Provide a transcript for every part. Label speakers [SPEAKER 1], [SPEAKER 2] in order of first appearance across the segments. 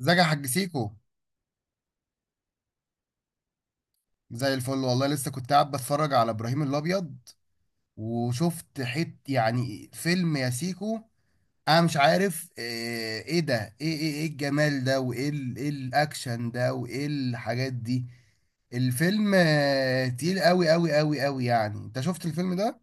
[SPEAKER 1] ازيك يا حاج سيكو؟ زي الفل والله، لسه كنت قاعد بتفرج على ابراهيم الابيض، وشفت يعني فيلم يا سيكو. انا مش عارف ايه الجمال ده، وايه ال- ايه الاكشن ده، وايه الحاجات دي. الفيلم، تقيل قوي قوي قوي قوي. يعني انت شفت الفيلم ده؟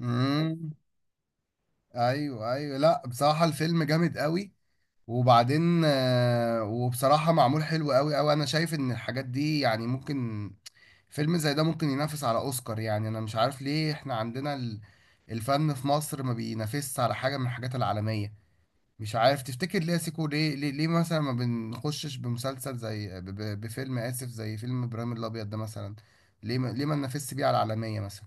[SPEAKER 1] امم. ايوه ايوه، لا بصراحة الفيلم جامد قوي. وبعدين وبصراحة معمول حلو قوي قوي. انا شايف ان الحاجات دي يعني ممكن، فيلم زي ده ممكن ينافس على اوسكار. يعني انا مش عارف ليه احنا عندنا الفن في مصر ما بينافسش على حاجة من الحاجات العالمية. مش عارف، تفتكر ليه يا سيكو؟ ليه مثلا ما بنخشش بمسلسل زي، بفيلم، اسف، زي فيلم ابراهيم الابيض ده مثلا؟ ليه ما ننافسش بيه على العالمية مثلا؟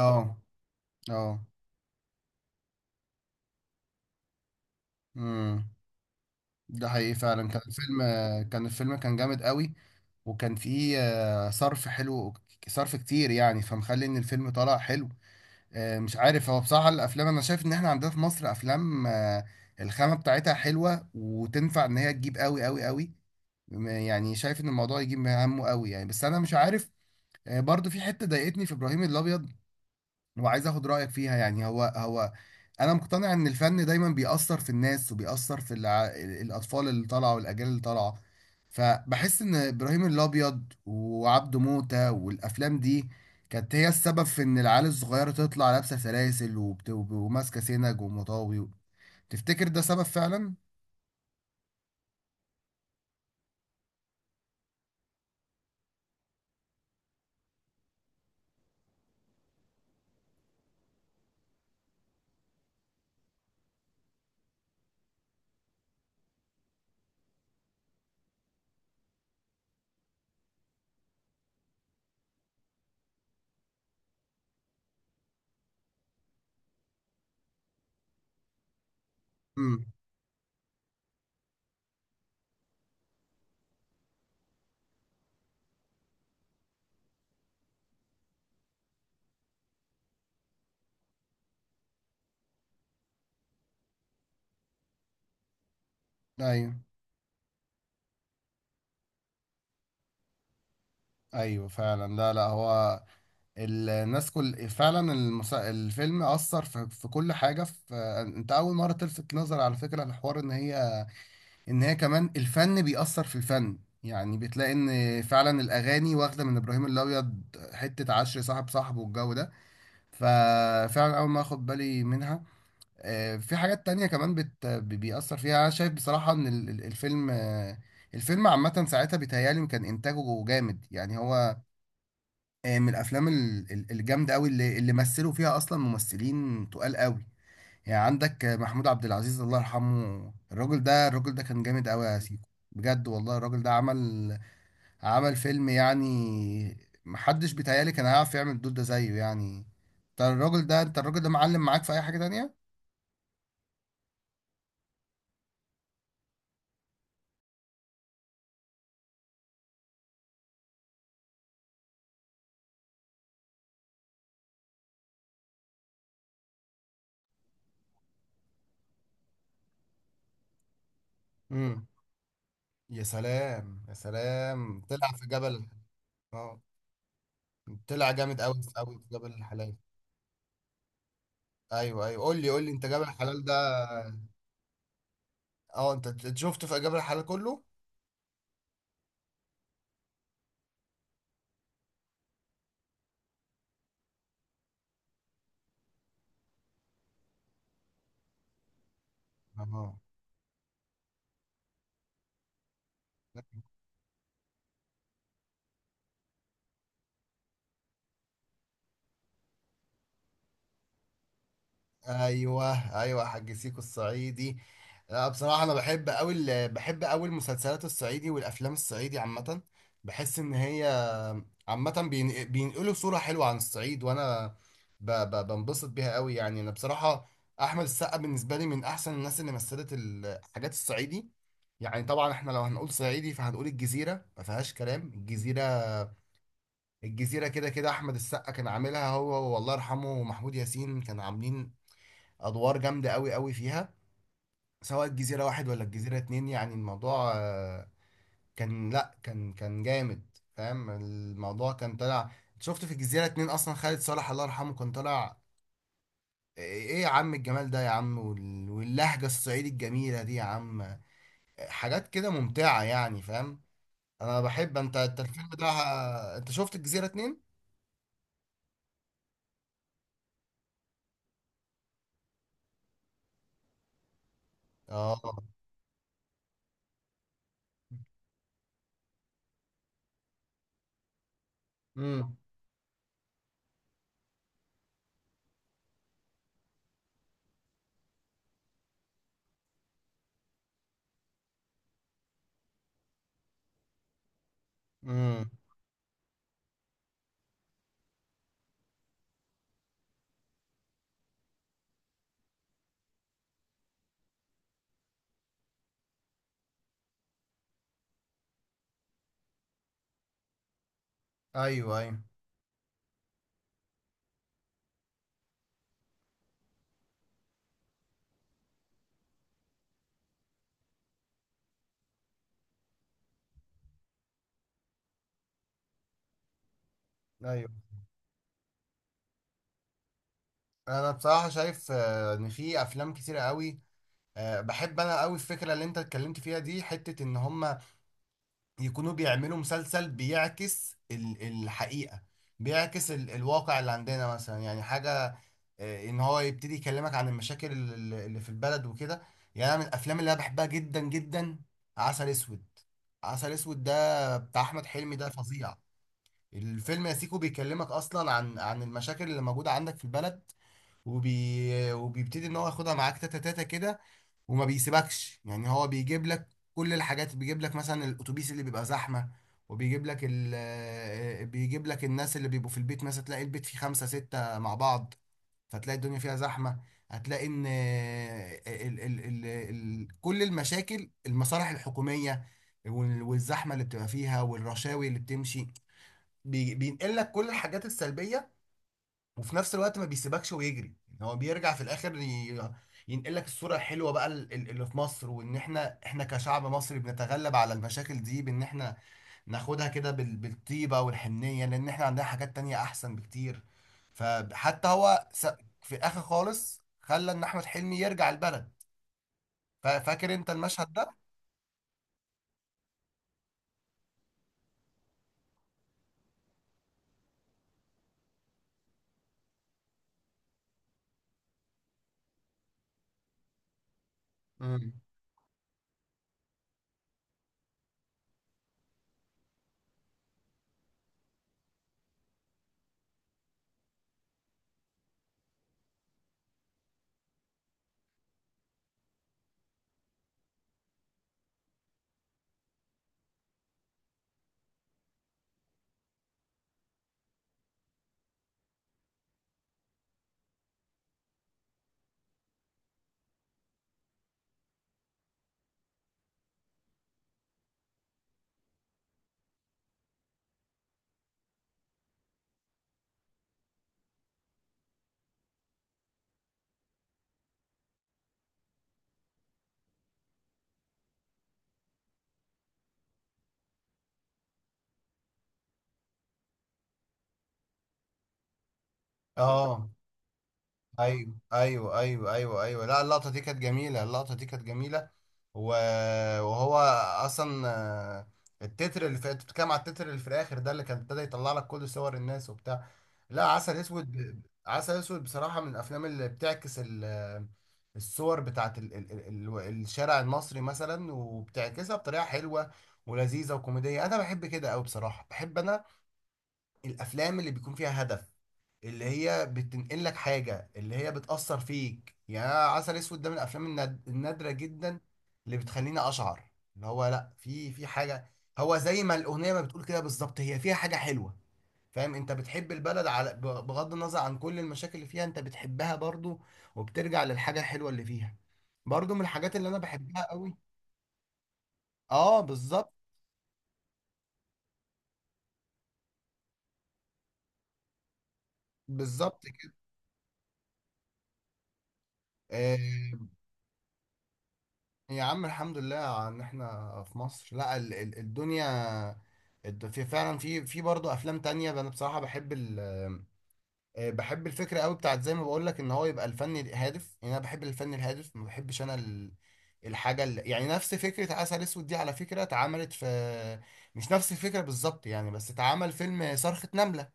[SPEAKER 1] اه اه. امم. ده حقيقي فعلا، كان الفيلم، كان جامد قوي. وكان فيه صرف حلو، صرف كتير يعني، فمخلي ان الفيلم طلع حلو. مش عارف، هو بصراحة الافلام، انا شايف ان احنا عندنا في مصر افلام، الخامة بتاعتها حلوة، وتنفع ان هي تجيب قوي قوي قوي. يعني شايف ان الموضوع يجيب همه قوي يعني، بس انا مش عارف. برضو في حتة ضايقتني في ابراهيم الابيض، وعايز اخد رايك فيها. يعني هو انا مقتنع ان الفن دايما بيأثر في الناس، وبيأثر في الاطفال اللي طالعه والاجيال اللي طالعه. فبحس ان ابراهيم الابيض وعبده موتة والافلام دي كانت هي السبب في ان العيال الصغيره تطلع لابسه سلاسل، وماسكه سنج ومطاوي. تفتكر ده سبب فعلا؟ امم. ايوه ايوه فعلا. لا لا، هو الناس كل فعلا، الفيلم أثر في، في كل حاجة في. انت أول مرة تلفت نظر على فكرة الحوار، ان هي، كمان الفن بيأثر في الفن، يعني بتلاقي ان فعلا الأغاني واخدة من إبراهيم الأبيض، حتة عشر صاحب صاحبه والجو ده. ففعلا أول ما أخد بالي منها. في حاجات تانية كمان، بيأثر فيها. أنا شايف بصراحة ان الفيلم، الفيلم عامة ساعتها بيتهيألي كان إنتاجه جامد. يعني هو من الافلام الجامده قوي، اللي مثلوا فيها اصلا ممثلين تقال قوي. يعني عندك محمود عبد العزيز، الله يرحمه، الراجل ده كان جامد قوي يا سيكو، بجد والله. الراجل ده عمل، فيلم يعني. محدش بيتهيألي كان هيعرف يعمل الدور ده زيه يعني. انت الراجل ده معلم معاك في اي حاجه تانية. امم. يا سلام يا سلام، طلع في جبل. اه، طلع جامد قوي قوي في جبل الحلال. ايوه ايوه، قول لي قول لي انت، جبل الحلال ده. اه، انت شفته في اجابه الحلال كله. اه. ايوه ايوه، حاج سيكو الصعيدي. لا بصراحه، انا بحب قوي بحب قوي المسلسلات الصعيدي والافلام الصعيدي عامه. بحس ان هي عامه بينقلوا صوره حلوه عن الصعيد، وانا بنبسط بيها قوي يعني. انا بصراحه، احمد السقا بالنسبه لي من احسن الناس اللي مثلت الحاجات الصعيدي. يعني طبعا احنا لو هنقول صعيدي فهنقول الجزيره، ما فيهاش كلام. الجزيره الجزيرة كده كده، أحمد السقا كان عاملها هو، والله يرحمه، ومحمود ياسين كان عاملين أدوار جامدة أوي أوي فيها، سواء الجزيرة واحد ولا الجزيرة اتنين. يعني الموضوع كان، لأ كان جامد. فاهم الموضوع، كان طالع. شفت في الجزيرة اتنين أصلا خالد صالح، الله يرحمه، كان طالع، إيه يا عم الجمال ده يا عم، واللهجة الصعيدي الجميلة دي يا عم. حاجات كده ممتعة يعني، فاهم؟ أنا بحب، أنت الفيلم ده، أنت شفت الجزيرة اتنين؟ آه. امم. ايوه ايوه ايوه. انا بصراحه شايف، ان في افلام كتير قوي. بحب انا قوي الفكره اللي انت اتكلمت فيها دي، حته ان هم يكونوا بيعملوا مسلسل بيعكس الحقيقه، بيعكس الواقع اللي عندنا مثلا. يعني حاجه ان هو يبتدي يكلمك عن المشاكل اللي في البلد وكده. يعني انا من الافلام اللي انا بحبها جدا جدا، عسل اسود. عسل اسود ده بتاع احمد حلمي ده فظيع. الفيلم يا سيكو بيكلمك اصلا عن، المشاكل اللي موجوده عندك في البلد، وبيبتدي ان هو ياخدها معاك تاتا تاتا كده، وما بيسيبكش. يعني هو بيجيب لك كل الحاجات، بيجيب لك مثلا الاتوبيس اللي بيبقى زحمه، وبيجيب لك ال... آه، بيجيب لك الناس اللي بيبقوا في البيت، مثلا تلاقي البيت فيه خمسة ستة مع بعض، فتلاقي الدنيا فيها زحمه. هتلاقي ان كل المشاكل، المصالح الحكوميه والزحمه اللي بتبقى فيها، والرشاوي اللي بتمشي، بينقل لك كل الحاجات السلبيه. وفي نفس الوقت ما بيسيبكش ويجري، يعني هو بيرجع في الاخر ينقل لك الصوره الحلوه بقى اللي في مصر، وان احنا كشعب مصري بنتغلب على المشاكل دي بان احنا ناخدها كده بالطيبه والحنيه، لان احنا عندنا حاجات تانية احسن بكتير. فحتى هو في اخر خالص خلى ان احمد حلمي يرجع البلد. فاكر انت المشهد ده؟ مم. اه، ايوه ايوه ايوه ايوه ايوه، لا، اللقطه دي كانت جميله، اللقطه دي كانت جميله. و- وهو اصلا، التتر اللي في، انت بتتكلم على التتر اللي في الاخر ده، اللي كان ابتدى يطلع لك كل صور الناس وبتاع. لا، عسل اسود، عسل اسود بصراحه من الافلام اللي بتعكس الصور بتاعت ال ال ال ال الشارع المصري مثلا، وبتعكسها بطريقه حلوه ولذيذه وكوميديه. انا بحب كده قوي بصراحه، بحب انا الافلام اللي بيكون فيها هدف، اللي هي بتنقل لك حاجة، اللي هي بتأثر فيك يعني. أنا عسل اسود ده من الافلام النادرة جدا، اللي بتخليني اشعر اللي هو، لا، في، حاجة. هو زي ما الأغنية ما بتقول كده بالظبط، هي فيها حاجة حلوة، فاهم؟ انت بتحب البلد على بغض النظر عن كل المشاكل اللي فيها، انت بتحبها برضو، وبترجع للحاجة الحلوة اللي فيها. برضو من الحاجات اللي انا بحبها قوي. اه، بالظبط. بالظبط كده. آه، يا عم، الحمد لله ان احنا في مصر. لا ال ال الدنيا، في فعلا، في برضه افلام تانية. انا بصراحة بحب بحب الفكرة قوي بتاعت، زي ما بقول لك ان هو يبقى الفن هادف، يعني انا بحب الفن الهادف. ما بحبش انا الحاجة اللي، يعني نفس فكرة عسل اسود دي على فكرة اتعملت في، مش نفس الفكرة بالظبط يعني، بس اتعمل فيلم صرخة نملة.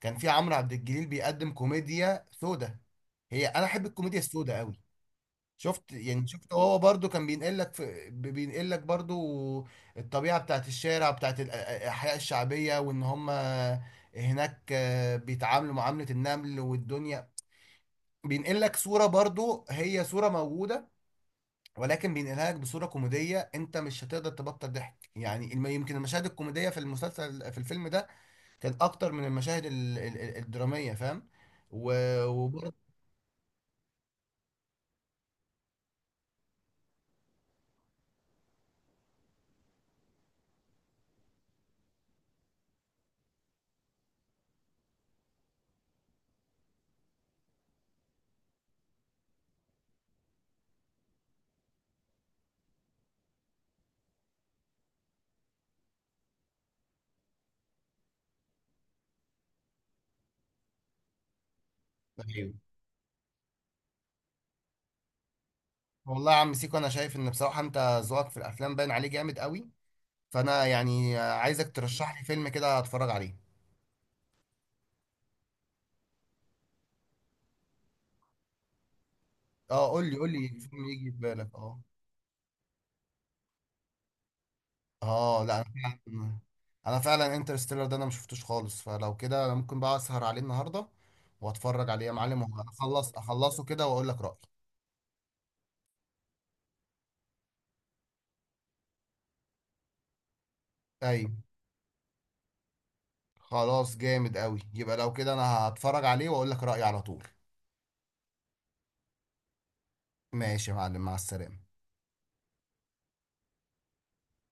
[SPEAKER 1] كان في عمرو عبد الجليل بيقدم كوميديا سودة، هي انا احب الكوميديا السوداء قوي. شفت يعني، هو برضو كان بينقل لك، بينقل لك برضو الطبيعة بتاعت الشارع، بتاعت الأحياء الشعبية، وإن هم هناك بيتعاملوا معاملة النمل والدنيا. بينقل لك صورة، برضو هي صورة موجودة، ولكن بينقلها لك بصورة كوميدية. أنت مش هتقدر تبطل ضحك. يعني يمكن المشاهد الكوميدية في المسلسل في الفيلم ده كانت أكتر من المشاهد الدرامية، فاهم؟ وبرضو. أيوة. والله يا عم سيكو، انا شايف ان بصراحه انت ذوقك في الافلام باين عليه جامد قوي. فانا يعني عايزك ترشح لي فيلم كده اتفرج عليه. اه، قول لي قول لي فيلم يجي في بالك. اه. اه لا، انا فعلا، انترستيلر ده انا ما شفتوش خالص. فلو كده انا ممكن بقى اسهر عليه النهارده واتفرج عليه يا معلم، واخلص، اخلصه كده، واقول لك رايي. ايوه. خلاص جامد قوي، يبقى لو كده انا هتفرج عليه واقول لك رايي على طول. ماشي يا معلم، مع السلامه.